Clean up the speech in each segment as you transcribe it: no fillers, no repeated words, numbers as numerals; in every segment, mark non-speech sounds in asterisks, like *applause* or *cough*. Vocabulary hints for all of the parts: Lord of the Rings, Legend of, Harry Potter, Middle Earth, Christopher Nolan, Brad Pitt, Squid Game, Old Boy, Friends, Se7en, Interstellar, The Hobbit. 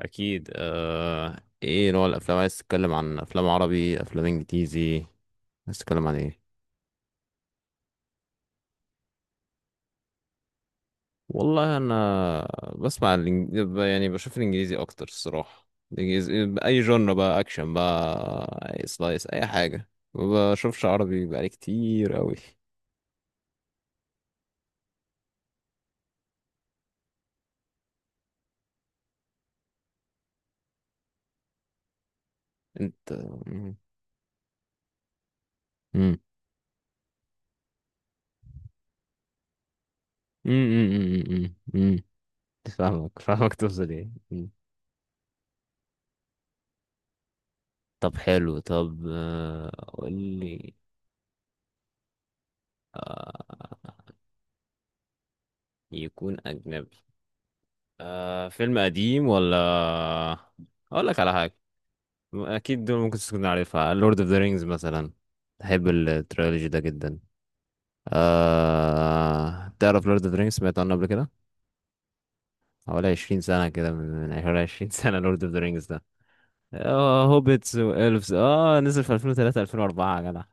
اكيد. ايه نوع الافلام؟ عايز تتكلم عن افلام عربي، افلام انجليزي؟ عايز تتكلم عن ايه؟ والله انا بسمع يعني بشوف الانجليزي اكتر الصراحه. باي جنر، بقى اكشن، بقى أي سلايس، اي حاجه. ما بشوفش عربي بقالي كتير قوي. انت. مم. مم. مم. مم. مم. مم. فاهمك، فاهمك، توصل ايه. طب حلو، طب قول لي. آه، يكون أجنبي. آه، فيلم قديم ولا؟ اقول لك على حاجه اكيد دول ممكن تكون عارفها. لورد اوف ذا رينجز مثلا، بحب التريلوجي ده جدا. آه، تعرف لورد اوف ذا رينجز؟ سمعت عنه قبل كده؟ حوالي 20 سنه كده، من حوالي 20 سنه لورد اوف ذا رينجز ده. آه، هوبيتس والفز، اه، نزل في 2003، 2004، يا جدع.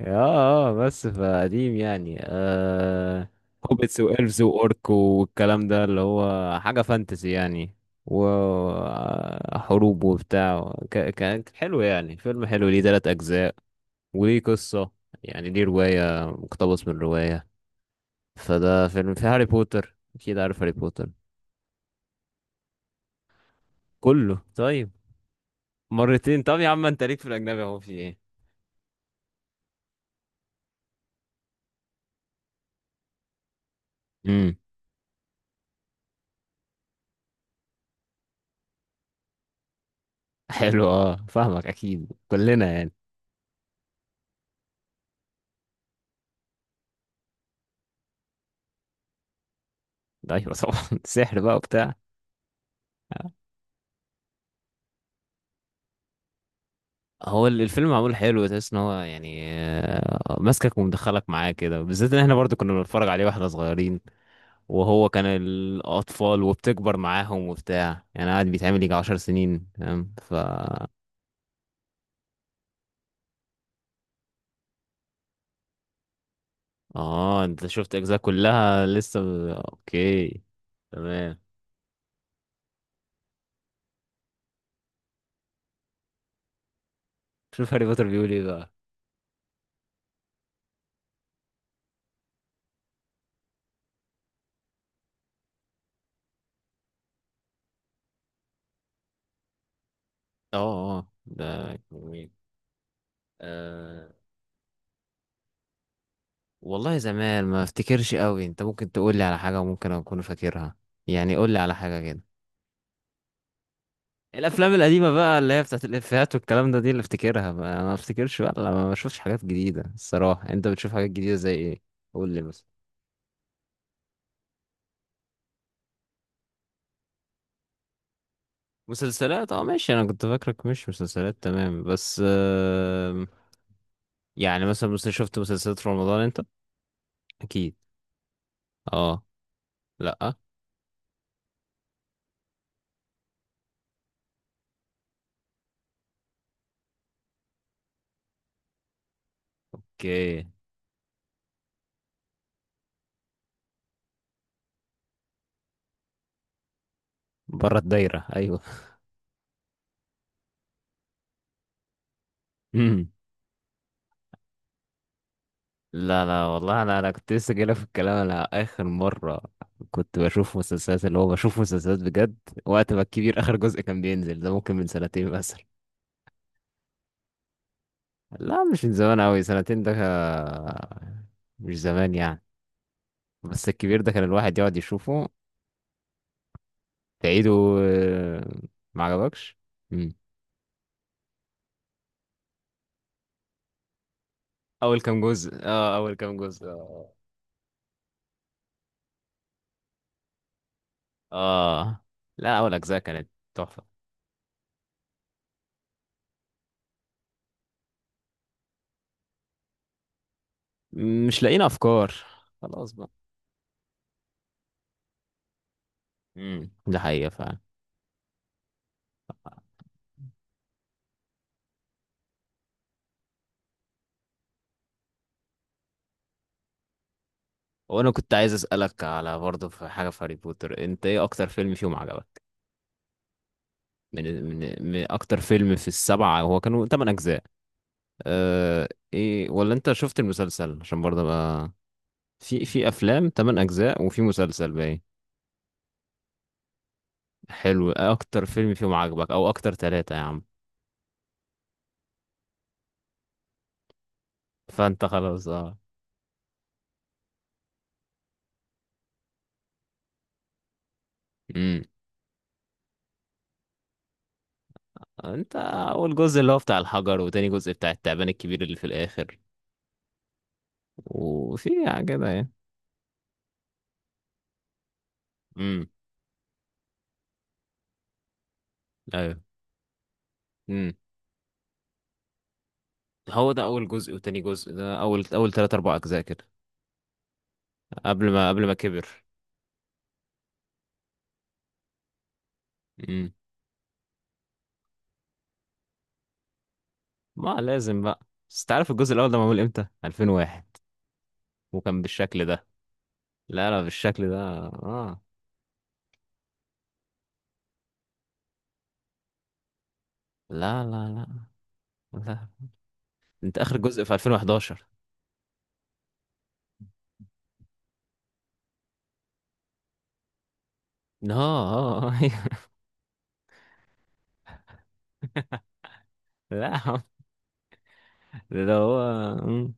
اه، اه، بس فقديم يعني. آه، هوبيتس وإلفز وأورك والكلام ده، اللي هو حاجة فانتسي يعني، وحروب وبتاع. كان حلو يعني، فيلم حلو، ليه تلات أجزاء، وليه قصة يعني، ليه رواية، مقتبس من رواية. فده فيلم. في هاري بوتر، أكيد عارف هاري بوتر. كله؟ طيب. مرتين؟ طب يا عم انت ليك في الأجنبي اهو، في ايه؟ امم، حلو، اه فاهمك، أكيد كلنا يعني. ايوه طبعا. *laughs* سحر بقى وبتاع. هو ال- الفيلم معمول حلو، تحس ان هو يعني، ماسكك ومدخلك معاه كده، بالذات ان احنا برضو كنا بنتفرج عليه واحنا صغيرين، وهو كان الاطفال، وبتكبر معاهم وبتاع، يعني قاعد بيتعمل يجي عشر سنين، فاهم؟ ف اه، انت شفت اجزاء كلها لسه، اوكي، تمام. شوف هاري بوتر بيقول ايه بقى. اه اه، ده جميل. آه، والله زمان، ما افتكرش قوي. انت ممكن تقول لي على حاجة ممكن اكون فاكرها، يعني قول لي على حاجة كده. الافلام القديمه بقى، اللي هي بتاعت الافيهات والكلام ده، دي اللي افتكرها بقى، انا ما افتكرش بقى لما ما بشوفش حاجات جديده الصراحه. انت بتشوف حاجات جديده زي ايه؟ قول لي مثلا. مسلسلات؟ اه ماشي، انا كنت فاكرك مش مسلسلات، تمام، بس آم، يعني مثلا شفت مسلسلات في رمضان انت؟ اكيد. اه. لا. اوكي، بره الدايره، ايوه. *laughs* مم. لا لا والله، انا انا كنت لسه جايلك في الكلام. انا اخر مره كنت بشوف مسلسلات، اللي هو بشوف مسلسلات بجد، وقت ما الكبير اخر جزء كان بينزل. ده ممكن من سنتين بس. لا، مش من زمان أوي، سنتين ده مش زمان يعني. بس الكبير ده كان الواحد يقعد يشوفه، تعيده. آه، ما عجبكش؟ مم. أول كام جزء، اه، أول كام جزء اه. آه. لا أول أجزاء كانت تحفة. مش لاقيين أفكار، خلاص بقى. مم، ده حقيقة فعلا. وأنا كنت عايز أسألك على، برضه في حاجة في هاري بوتر، أنت إيه أكتر فيلم فيهم عجبك؟ من أكتر فيلم في السبعة، هو كانوا تمن أجزاء. آه. ايه، ولا انت شفت المسلسل؟ عشان برضه بقى في في افلام 8 اجزاء وفي مسلسل باين. حلو. اكتر فيلم فيهم عجبك، او اكتر ثلاثة يا عم؟ فانت خلاص، اه. امم. انت، اول جزء اللي هو بتاع الحجر، وتاني جزء بتاع التعبان الكبير اللي في الاخر. وفي كده يعني. امم. ايوه. امم. هو ده اول جزء وتاني جزء، ده اول، اول ثلاثة اربع اجزاء كده، قبل ما، قبل ما كبر. امم. ما لازم بقى. بس تعرف الجزء الاول ده معمول امتى؟ 2001، وكان بالشكل ده. لا لا، بالشكل ده اه. لا، لا، انت اخر جزء في 2011. اه اه، آه. *laughs* لا يا عم. ده هو. مم.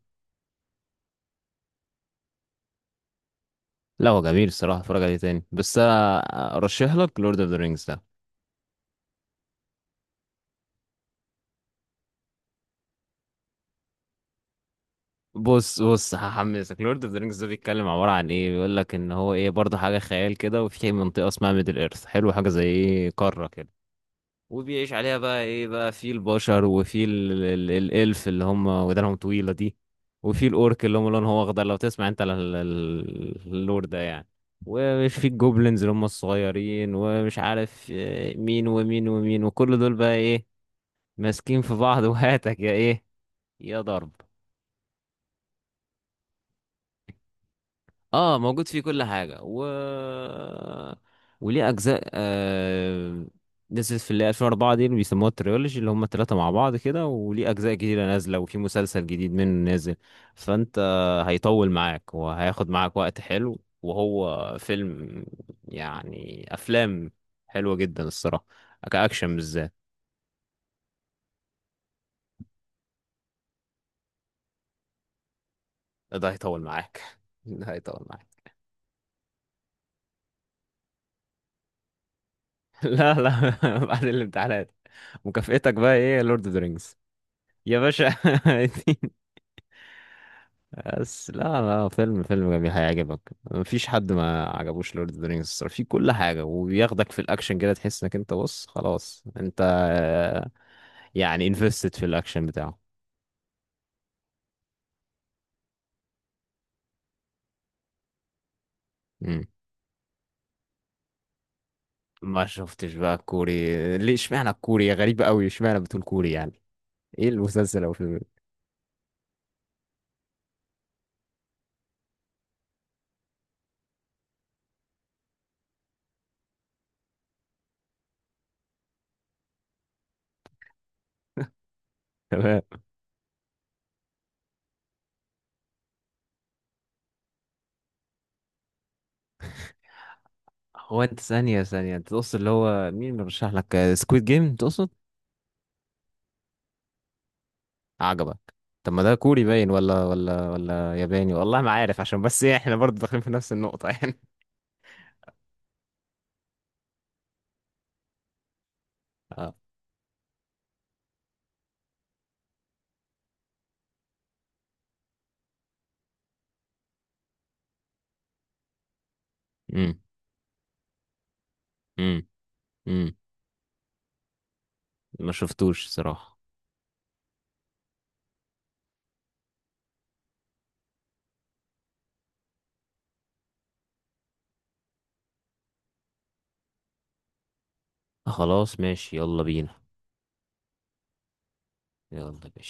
لا هو جميل الصراحه، اتفرج عليه تاني، بس انا ارشح لك لورد اوف ذا رينجز ده. بص بص، هحمسك. لورد اوف ذا رينجز ده بيتكلم عباره عن ايه؟ بيقول لك ان هو، ايه، برضه حاجه خيال كده، وفي منطقه اسمها ميدل ايرث، حلو، حاجه زي ايه، قاره كده. وبيعيش عليها بقى ايه بقى؟ في البشر، وفي الالف اللي هم ودانهم طويلة دي، وفي الاورك اللي هم لونهم اخضر، لو تسمع انت اللور ده يعني، ومش في الجوبلينز اللي هم الصغيرين، ومش عارف مين ومين ومين، وكل دول بقى ايه، ماسكين في بعض. *laughs* وهاتك يا ايه، يا ضرب. اه، موجود فيه كل حاجة. و وليه أجزاء نزلت في اللي 2004 دي، اللي بيسموها التريولوجي، اللي هم التلاتة مع بعض كده. وليه أجزاء جديدة نازلة، وفي مسلسل جديد منه نازل. فأنت، هيطول معاك، وهياخد معاك وقت حلو، وهو فيلم، يعني أفلام حلوة جدا الصراحة، كأكشن بالذات. ده هيطول معاك. *laughs* ده هيطول معاك. *laughs* لا لا. *laughs* بعد الامتحانات مكافئتك بقى ايه؟ لورد اوف ذا رينجز. يا باشا. *laughs* بس لا لا، فيلم، فيلم جميل هيعجبك. مفيش حد ما عجبوش لورد اوف ذا رينجز، في كل حاجه، وبياخدك في الاكشن كده، تحس انك انت، بص خلاص انت، آه، يعني انفستد في الاكشن بتاعه. مم. ما شفتش بقى الكوري؟ ليه؟ اشمعنى الكوري؟ غريب قوي اشمعنى بتقول كوري يعني. ايه المسلسل او الفيلم ده؟ *laughs* تمام. هو انت، ثانيه ثانيه، انت تقصد اللي هو، مين مرشح لك؟ سكويد جيم تقصد؟ عجبك؟ طب ما ده كوري باين، ولا ولا ولا ياباني، والله ما عارف، عشان بس إيه، احنا برضه داخلين في نفس النقطة. *laughs* يعني. آه. امم. امم. امم. ما شفتوش صراحة. خلاص ماشي، يلا بينا. يلا بينا.